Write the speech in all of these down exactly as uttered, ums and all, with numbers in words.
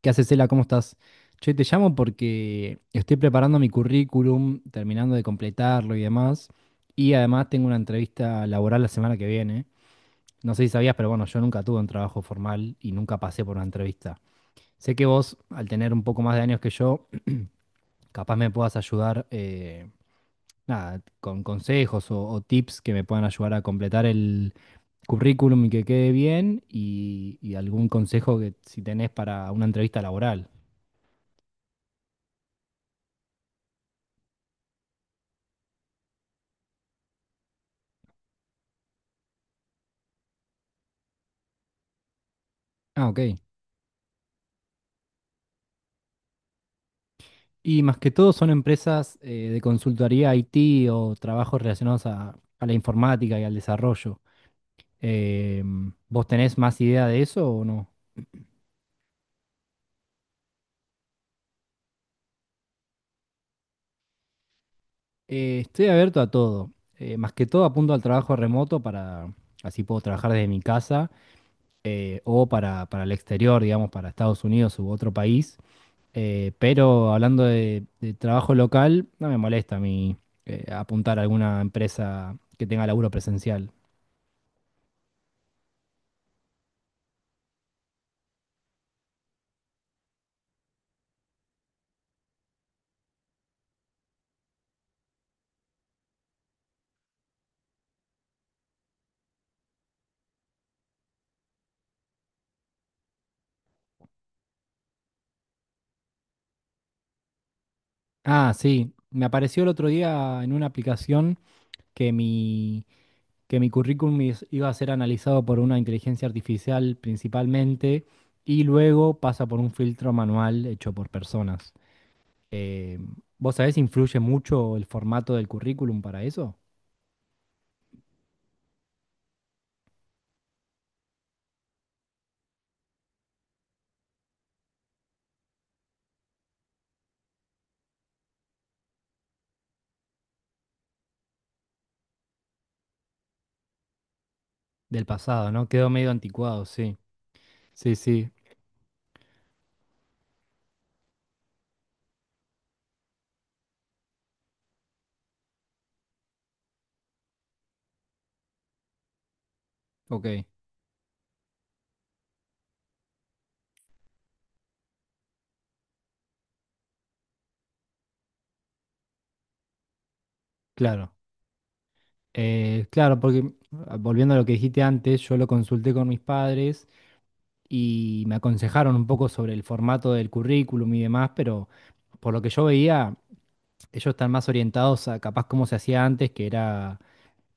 ¿Qué haces, Cela? ¿Cómo estás? Che, te llamo porque estoy preparando mi currículum, terminando de completarlo y demás. Y además tengo una entrevista laboral la semana que viene. No sé si sabías, pero bueno, yo nunca tuve un trabajo formal y nunca pasé por una entrevista. Sé que vos, al tener un poco más de años que yo, capaz me puedas ayudar, eh, nada, con consejos o, o tips que me puedan ayudar a completar el currículum y que quede bien y, y algún consejo que si tenés para una entrevista laboral. Ah, ok. Y más que todo son empresas eh, de consultoría I T o trabajos relacionados a, a la informática y al desarrollo. Em, ¿vos tenés más idea de eso o no? Eh, estoy abierto a todo. Eh, más que todo apunto al trabajo remoto para, así puedo trabajar desde mi casa eh, o para, para el exterior, digamos, para Estados Unidos u otro país. Eh, pero hablando de, de trabajo local, no me molesta a mí eh, apuntar a alguna empresa que tenga laburo presencial. Ah, sí. Me apareció el otro día en una aplicación que mi, que mi currículum is- iba a ser analizado por una inteligencia artificial principalmente y luego pasa por un filtro manual hecho por personas. Eh, ¿vos sabés si influye mucho el formato del currículum para eso? Del pasado, ¿no? Quedó medio anticuado, sí. Sí, sí. Ok. Claro. Eh, claro, porque ah, volviendo a lo que dijiste antes, yo lo consulté con mis padres. Y me aconsejaron un poco sobre el formato del currículum y demás, pero por lo que yo veía, ellos están más orientados a capaz como se hacía antes, que era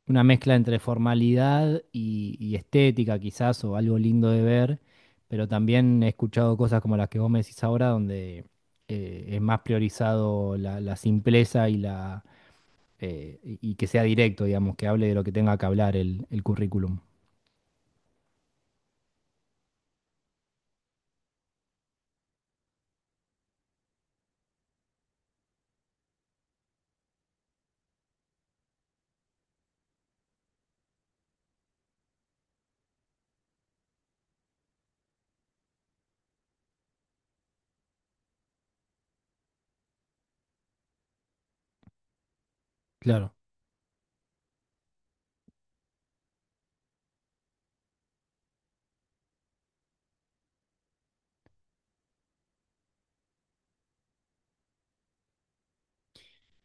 una mezcla entre formalidad y, y estética quizás, o algo lindo de ver, pero también he escuchado cosas como las que vos me decís ahora, donde eh, es más priorizado la, la simpleza y la... eh, y y que sea directo, digamos, que hable de lo que tenga que hablar el el currículum. Claro.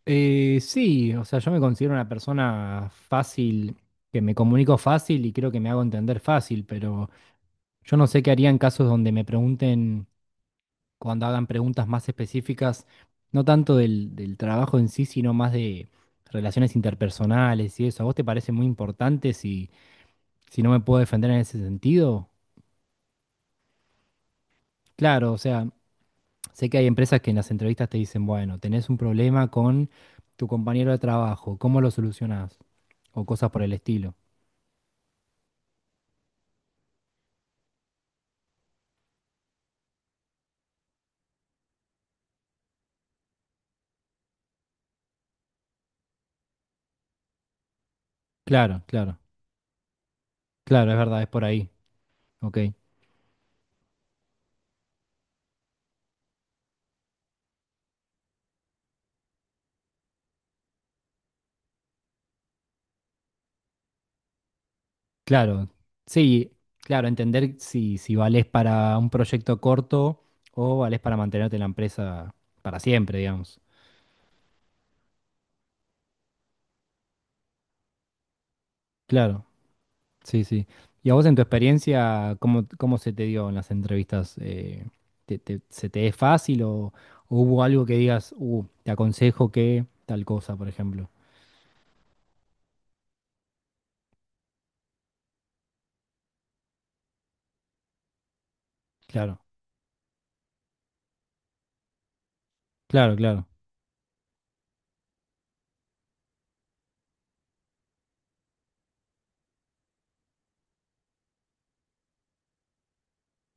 Eh, sí, o sea, yo me considero una persona fácil, que me comunico fácil y creo que me hago entender fácil, pero yo no sé qué haría en casos donde me pregunten, cuando hagan preguntas más específicas, no tanto del, del trabajo en sí, sino más de relaciones interpersonales y eso. ¿A vos te parece muy importante si, si no me puedo defender en ese sentido? Claro, o sea, sé que hay empresas que en las entrevistas te dicen, bueno, tenés un problema con tu compañero de trabajo, ¿cómo lo solucionás? O cosas por el estilo. Claro, claro, claro, es verdad, es por ahí. Ok, claro, sí, claro, entender si, si valés para un proyecto corto o valés para mantenerte en la empresa para siempre, digamos. Claro, sí, sí. ¿Y a vos en tu experiencia, cómo, cómo se te dio en las entrevistas? Eh, ¿te- te- ¿se te es fácil o, o hubo algo que digas, uh, te aconsejo que tal cosa, por ejemplo? Claro, claro, claro,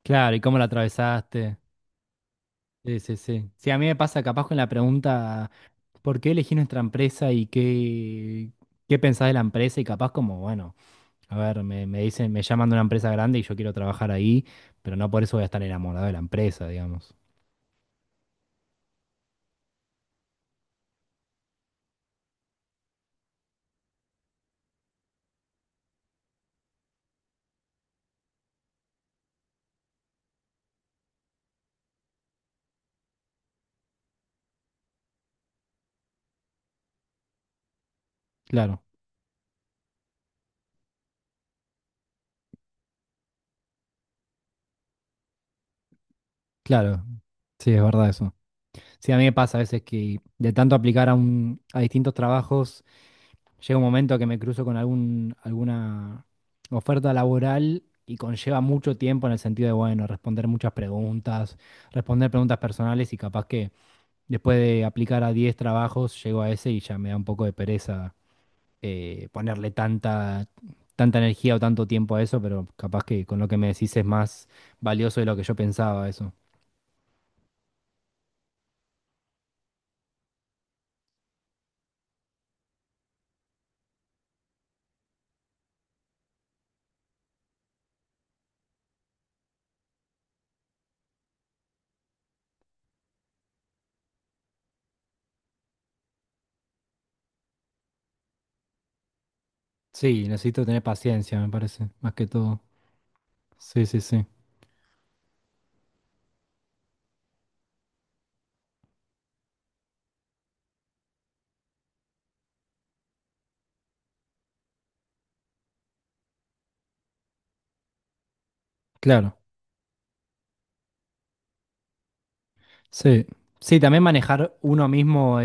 claro, ¿y cómo la atravesaste? Sí, sí, sí. Sí, a mí me pasa capaz con la pregunta, ¿por qué elegí nuestra empresa y qué, qué pensás de la empresa? Y capaz como, bueno, a ver, me, me dicen, me llaman de una empresa grande y yo quiero trabajar ahí, pero no por eso voy a estar enamorado de la empresa, digamos. Claro, claro, sí, es verdad eso. Sí, a mí me pasa a veces que de tanto aplicar a un, a distintos trabajos. Llega un momento que me cruzo con algún, alguna oferta laboral y conlleva mucho tiempo en el sentido de, bueno, responder muchas preguntas, responder preguntas personales y capaz que después de aplicar a diez trabajos llego a ese y ya me da un poco de pereza eh, ponerle tanta, tanta energía o tanto tiempo a eso, pero capaz que con lo que me decís es más valioso de lo que yo pensaba eso. Sí, necesito tener paciencia, me parece, más que todo. Sí, sí, sí. Claro. Sí. Sí, también manejar uno mismo.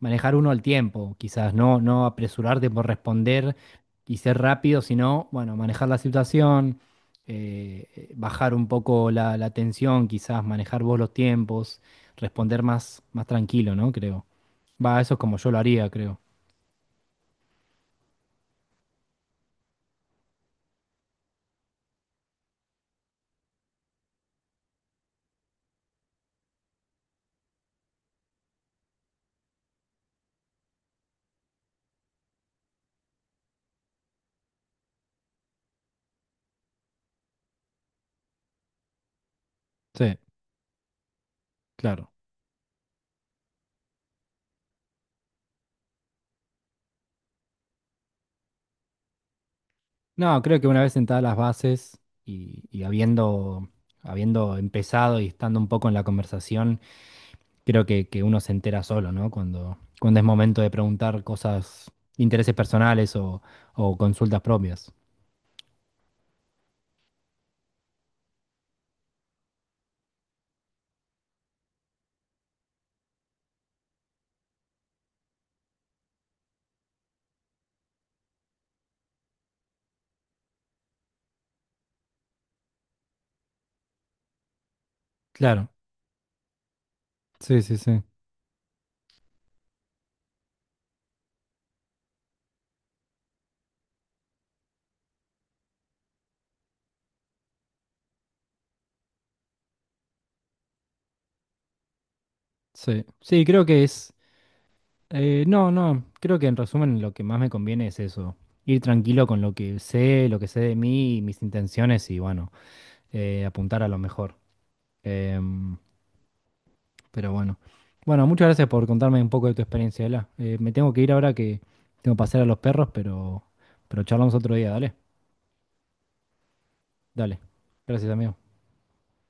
Manejar uno el tiempo, quizás, no, no apresurarte por responder y ser rápido, sino, bueno, manejar la situación, eh, eh, bajar un poco la, la tensión, quizás, manejar vos los tiempos, responder más, más tranquilo, ¿no? Creo. Va, eso es como yo lo haría, creo. Sí, claro. No, creo que una vez sentadas las bases y, y habiendo, habiendo empezado y estando un poco en la conversación, creo que, que uno se entera solo, ¿no? Cuando, cuando es momento de preguntar cosas, intereses personales o, o consultas propias. Claro, sí, sí, sí. Sí, sí, creo que es... eh, no, no, creo que en resumen lo que más me conviene es eso, ir tranquilo con lo que sé, lo que sé de mí, mis intenciones y bueno, eh, apuntar a lo mejor. Em, pero bueno. Bueno, muchas gracias por contarme un poco de tu experiencia, Ela. Eh, me tengo que ir ahora que tengo que pasear a los perros, pero, pero charlamos otro día, dale. Dale. Gracias, amigo.